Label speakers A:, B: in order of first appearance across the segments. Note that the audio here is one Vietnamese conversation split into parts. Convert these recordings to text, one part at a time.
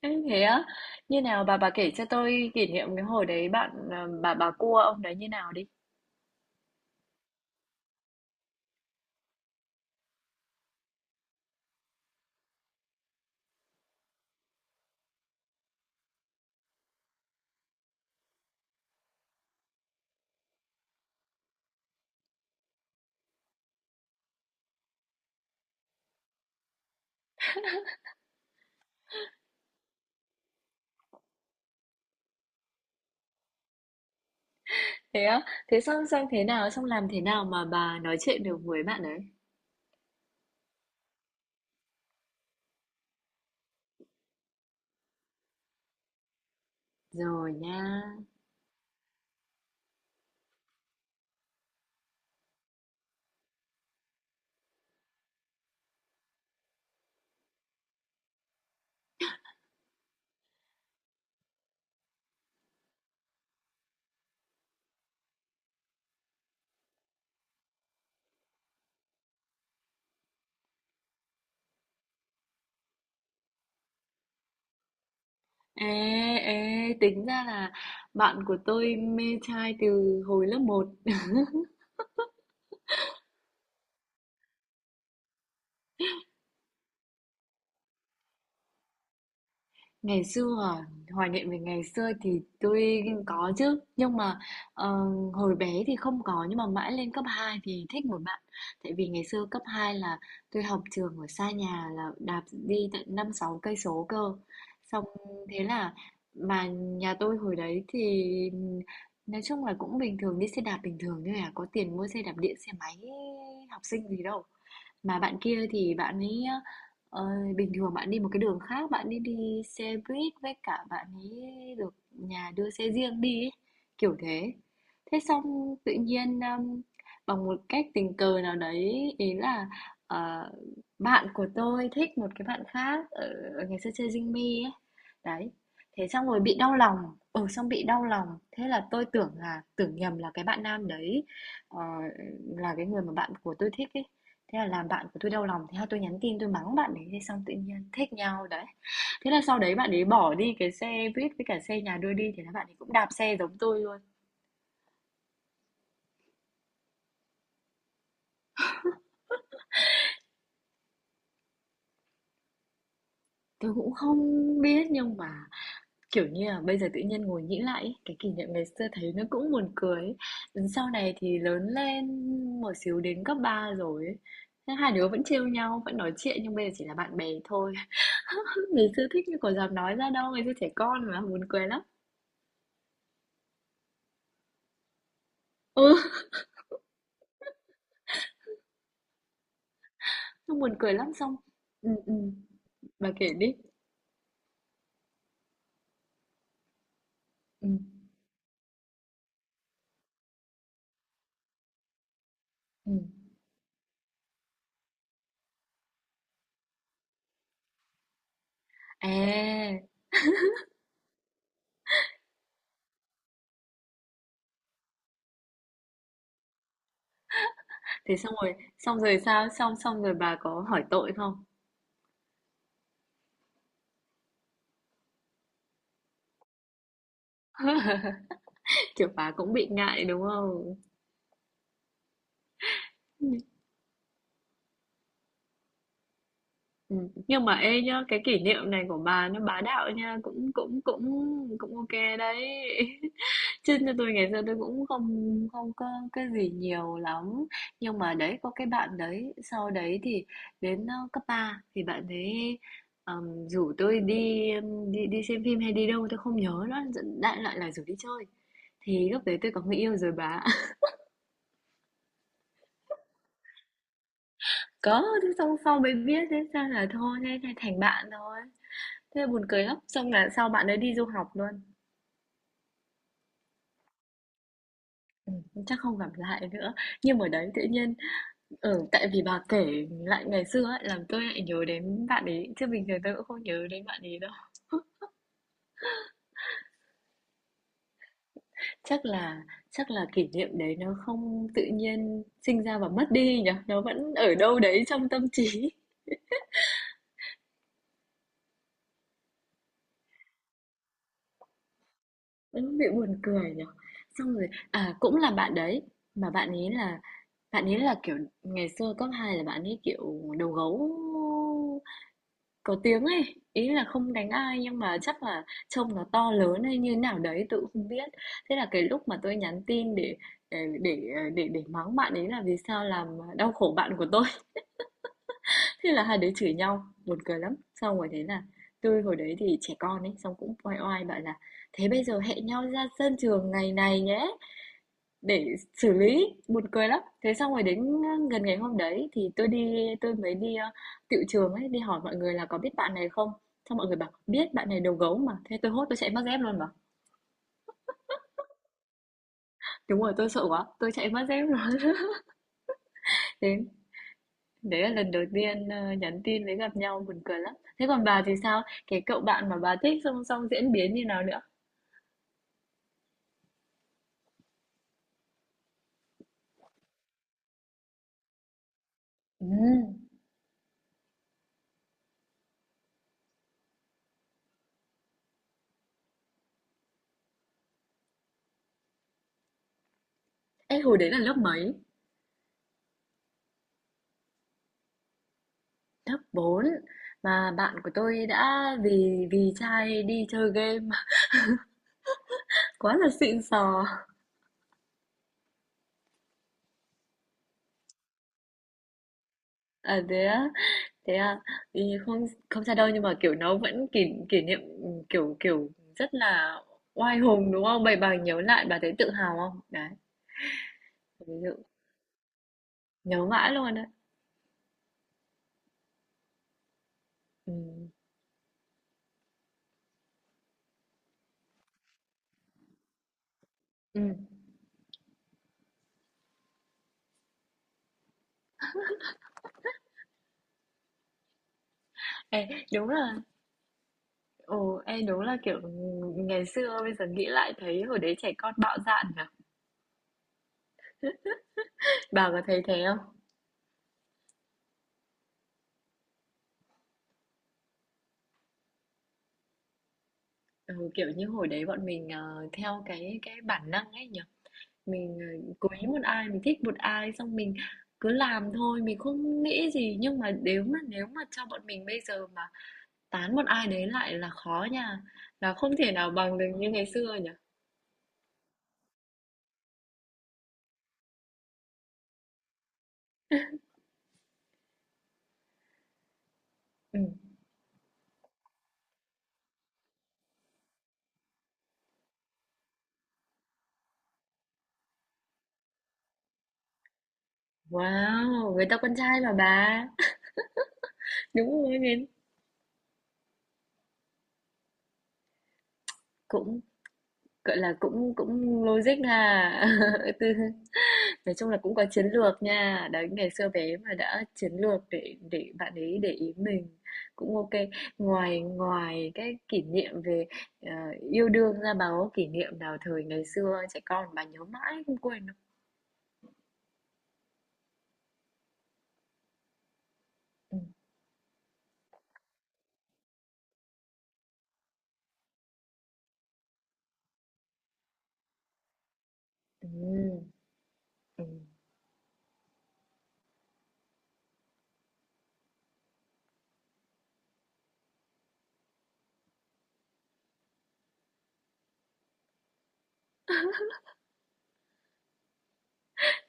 A: Ê, thế á? Như nào bà kể cho tôi kỷ niệm cái hồi đấy bạn à, bà cua ông đấy như nào đi. Thế á? Thế xong xong thế nào, xong làm thế nào mà bà nói chuyện được với bạn ấy? Rồi nha. Ê, ê, tính ra là bạn của tôi mê trai từ hồi lớp một. Ngày xưa à, hoài niệm về ngày xưa thì tôi có chứ, nhưng mà ờ, hồi bé thì không có nhưng mà mãi lên cấp 2 thì thích một bạn. Tại vì ngày xưa cấp 2 là tôi học trường ở xa nhà, là đạp đi tận 5 6 cây số cơ. Xong thế là mà nhà tôi hồi đấy thì nói chung là cũng bình thường, đi xe đạp bình thường thôi à, có tiền mua xe đạp điện xe máy học sinh gì đâu. Mà bạn kia thì bạn ấy, ờ, bình thường bạn đi một cái đường khác, bạn đi đi xe buýt, với cả bạn ấy được nhà đưa xe riêng đi ấy, kiểu thế. Thế xong tự nhiên, bằng một cách tình cờ nào đấy, ý là, ờ, bạn của tôi thích một cái bạn khác ở ở ngày xưa chơi dinh Me ấy. Đấy, thế xong rồi bị đau lòng, ừ, xong bị đau lòng. Thế là tôi tưởng là, tưởng nhầm là cái bạn nam đấy, ờ, là cái người mà bạn của tôi thích ấy. Thế là làm bạn của tôi đau lòng, thế là tôi nhắn tin tôi mắng bạn đấy, thế xong tự nhiên thích nhau đấy. Thế là sau đấy bạn ấy bỏ đi cái xe buýt với cả xe nhà đưa đi, thế là bạn ấy cũng đạp xe giống tôi luôn. Tôi cũng không biết, nhưng mà kiểu như là bây giờ tự nhiên ngồi nghĩ lại cái kỷ niệm ngày xưa thấy nó cũng buồn cười ấy. Sau này thì lớn lên một xíu, đến cấp 3 rồi ấy. Hai đứa vẫn trêu nhau, vẫn nói chuyện nhưng bây giờ chỉ là bạn bè thôi. Ngày xưa thích nhưng còn dám nói ra đâu, ngày xưa trẻ con mà buồn cười lắm. Ừ, xong buồn cười lắm, xong ừ, ừ. Bà kể đi. Ừ, ừ. À thế xong rồi sao, xong xong rồi bà có hỏi tội không, kiểu bà cũng bị ngại đúng không? Ừ. Ừ. Nhưng mà ê nhá, cái kỷ niệm này của bà nó bá đạo nha, cũng cũng cũng cũng ok đấy. Chứ như tôi ngày xưa tôi cũng không không có cái gì nhiều lắm. Nhưng mà đấy, có cái bạn đấy, sau đấy thì đến cấp 3 thì bạn ấy rủ tôi đi đi đi xem phim hay đi đâu tôi không nhớ nữa, đại loại là rủ đi chơi. Thì lúc đấy tôi có người yêu rồi bà. Có, thế xong sau mới biết thế sao là thôi, thế thế thành bạn thôi. Thế là buồn cười lắm, xong là sau bạn ấy đi du học luôn. Ừ, chắc không gặp lại nữa, nhưng mà đấy tự nhiên ừ, tại vì bà kể lại ngày xưa ấy, làm tôi lại nhớ đến bạn ấy, chứ bình thường tôi cũng không nhớ đến bạn ấy đâu. Chắc là chắc là kỷ niệm đấy nó không tự nhiên sinh ra và mất đi nhỉ, nó vẫn ở đâu đấy trong tâm trí. Nó bị buồn cười nhỉ, xong rồi à cũng là bạn đấy, mà bạn ấy là kiểu ngày xưa cấp 2 là bạn ấy kiểu đầu gấu. Có tiếng ấy, ý là không đánh ai nhưng mà chắc là trông nó to lớn hay như nào đấy tự không biết. Thế là cái lúc mà tôi nhắn tin để để để mắng bạn ấy là vì sao làm đau khổ bạn của tôi. Thế là hai đứa chửi nhau, buồn cười lắm. Xong rồi thế là tôi hồi đấy thì trẻ con ấy, xong cũng oai oai bảo là thế bây giờ hẹn nhau ra sân trường ngày này nhé để xử lý, buồn cười lắm. Thế xong rồi đến gần ngày hôm đấy thì tôi đi, tôi mới đi tiệu trường ấy, đi hỏi mọi người là có biết bạn này không, xong mọi người bảo biết bạn này đầu gấu mà, thế tôi hốt tôi chạy mất dép luôn mà. Đúng rồi tôi sợ quá tôi chạy mất dép luôn. Đến đấy là lần đầu tiên nhắn tin với gặp nhau, buồn cười lắm. Thế còn bà thì sao, cái cậu bạn mà bà thích xong xong diễn biến như nào nữa? Ừ. Ê, hồi đấy là lớp mấy? Lớp 4. Mà bạn của tôi đã vì vì trai đi chơi game. Quá là xịn sò. À, thế á? Thế à? Thì không không sao đâu nhưng mà, kiểu, nó vẫn kỷ kỷ niệm, kiểu kiểu, rất là oai hùng, đúng không? Vậy bà nhớ lại bà thấy tự hào không? Đấy, ví dụ, nhớ mãi luôn đấy. Ừm. Ừm. Ê, đúng là ồ, ê, đúng là, kiểu, ngày xưa bây giờ nghĩ lại thấy hồi đấy trẻ con bạo dạn nhỉ? Bà có thấy thế không? Ừ, kiểu như, hồi đấy bọn mình, theo cái bản năng ấy nhỉ? Mình cố ý một ai, mình thích một ai xong mình cứ làm thôi, mình không nghĩ gì, nhưng mà nếu mà cho bọn mình bây giờ mà tán một ai đấy lại là khó nha, là không thể nào bằng được như ngày xưa nhỉ. Ừ. Wow người ta con trai mà bà. Đúng rồi, nên cũng gọi là cũng cũng logic à. Từ nói chung là cũng có chiến lược nha. Đấy, ngày xưa bé mà đã chiến lược để bạn ấy để ý mình, cũng ok. Ngoài ngoài cái kỷ niệm về ờ, yêu đương ra, bà có kỷ niệm nào thời ngày xưa trẻ con bà nhớ mãi không quên đâu? Ừ. Ừ. Ừ.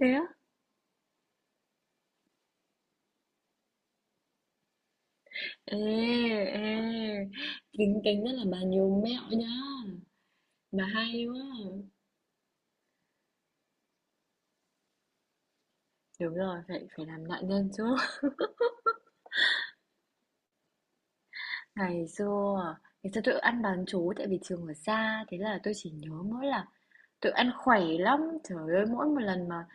A: Thế á? Ê, ê. Kính kính rất là bà nhiều mẹo nhá. Bà hay quá. Đúng rồi, phải phải làm nạn nhân chứ. Ngày xưa Ngày xưa tôi ăn bán trú tại vì trường ở xa. Thế là tôi chỉ nhớ mỗi là tụi ăn khỏe lắm, trời ơi, mỗi một lần mà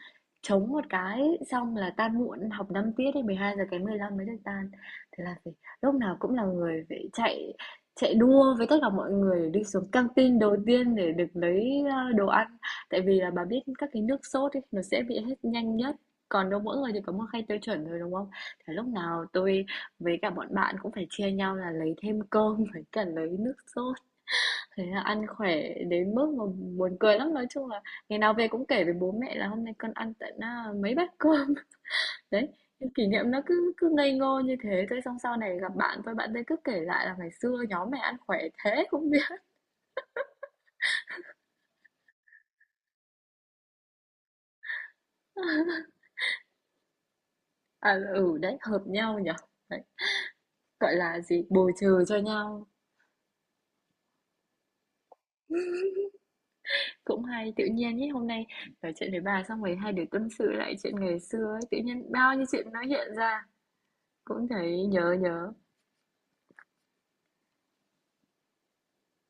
A: chống một cái xong là tan muộn, học 5 tiết thì 11:45 mới được tan. Thế là phải lúc nào cũng là người phải chạy chạy đua với tất cả mọi người để đi xuống căng tin đầu tiên để được lấy đồ ăn. Tại vì là bà biết các cái nước sốt ấy nó sẽ bị hết nhanh nhất. Còn đâu mỗi người thì có một khay tiêu chuẩn rồi đúng không? Thế lúc nào tôi với cả bọn bạn cũng phải chia nhau là lấy thêm cơm với cả lấy nước sốt. Thế là ăn khỏe đến mức mà buồn cười lắm, nói chung là ngày nào về cũng kể với bố mẹ là hôm nay con ăn tận à, mấy bát cơm. Đấy, những kỷ niệm nó cứ cứ ngây ngô như thế thôi, xong sau này gặp bạn thôi bạn ấy cứ kể lại là ngày xưa nhóm mày ăn khỏe thế không biết. À ừ đấy, hợp nhau nhở. Đấy, gọi là gì, bù trừ cho nhau, cũng hay. Tự nhiên nhé hôm nay nói chuyện với bà xong rồi hai đứa tâm sự lại chuyện ngày xưa ấy, tự nhiên bao nhiêu chuyện nó hiện ra, cũng thấy nhớ nhớ.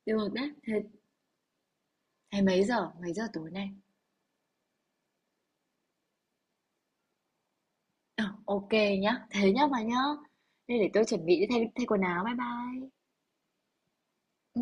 A: Được đấy, thế thế mấy giờ tối nay? Ờ, OK nhá. Thế nhá bà nhá. Thế để tôi chuẩn bị đi thay thay quần áo. Bye bye. Ừ.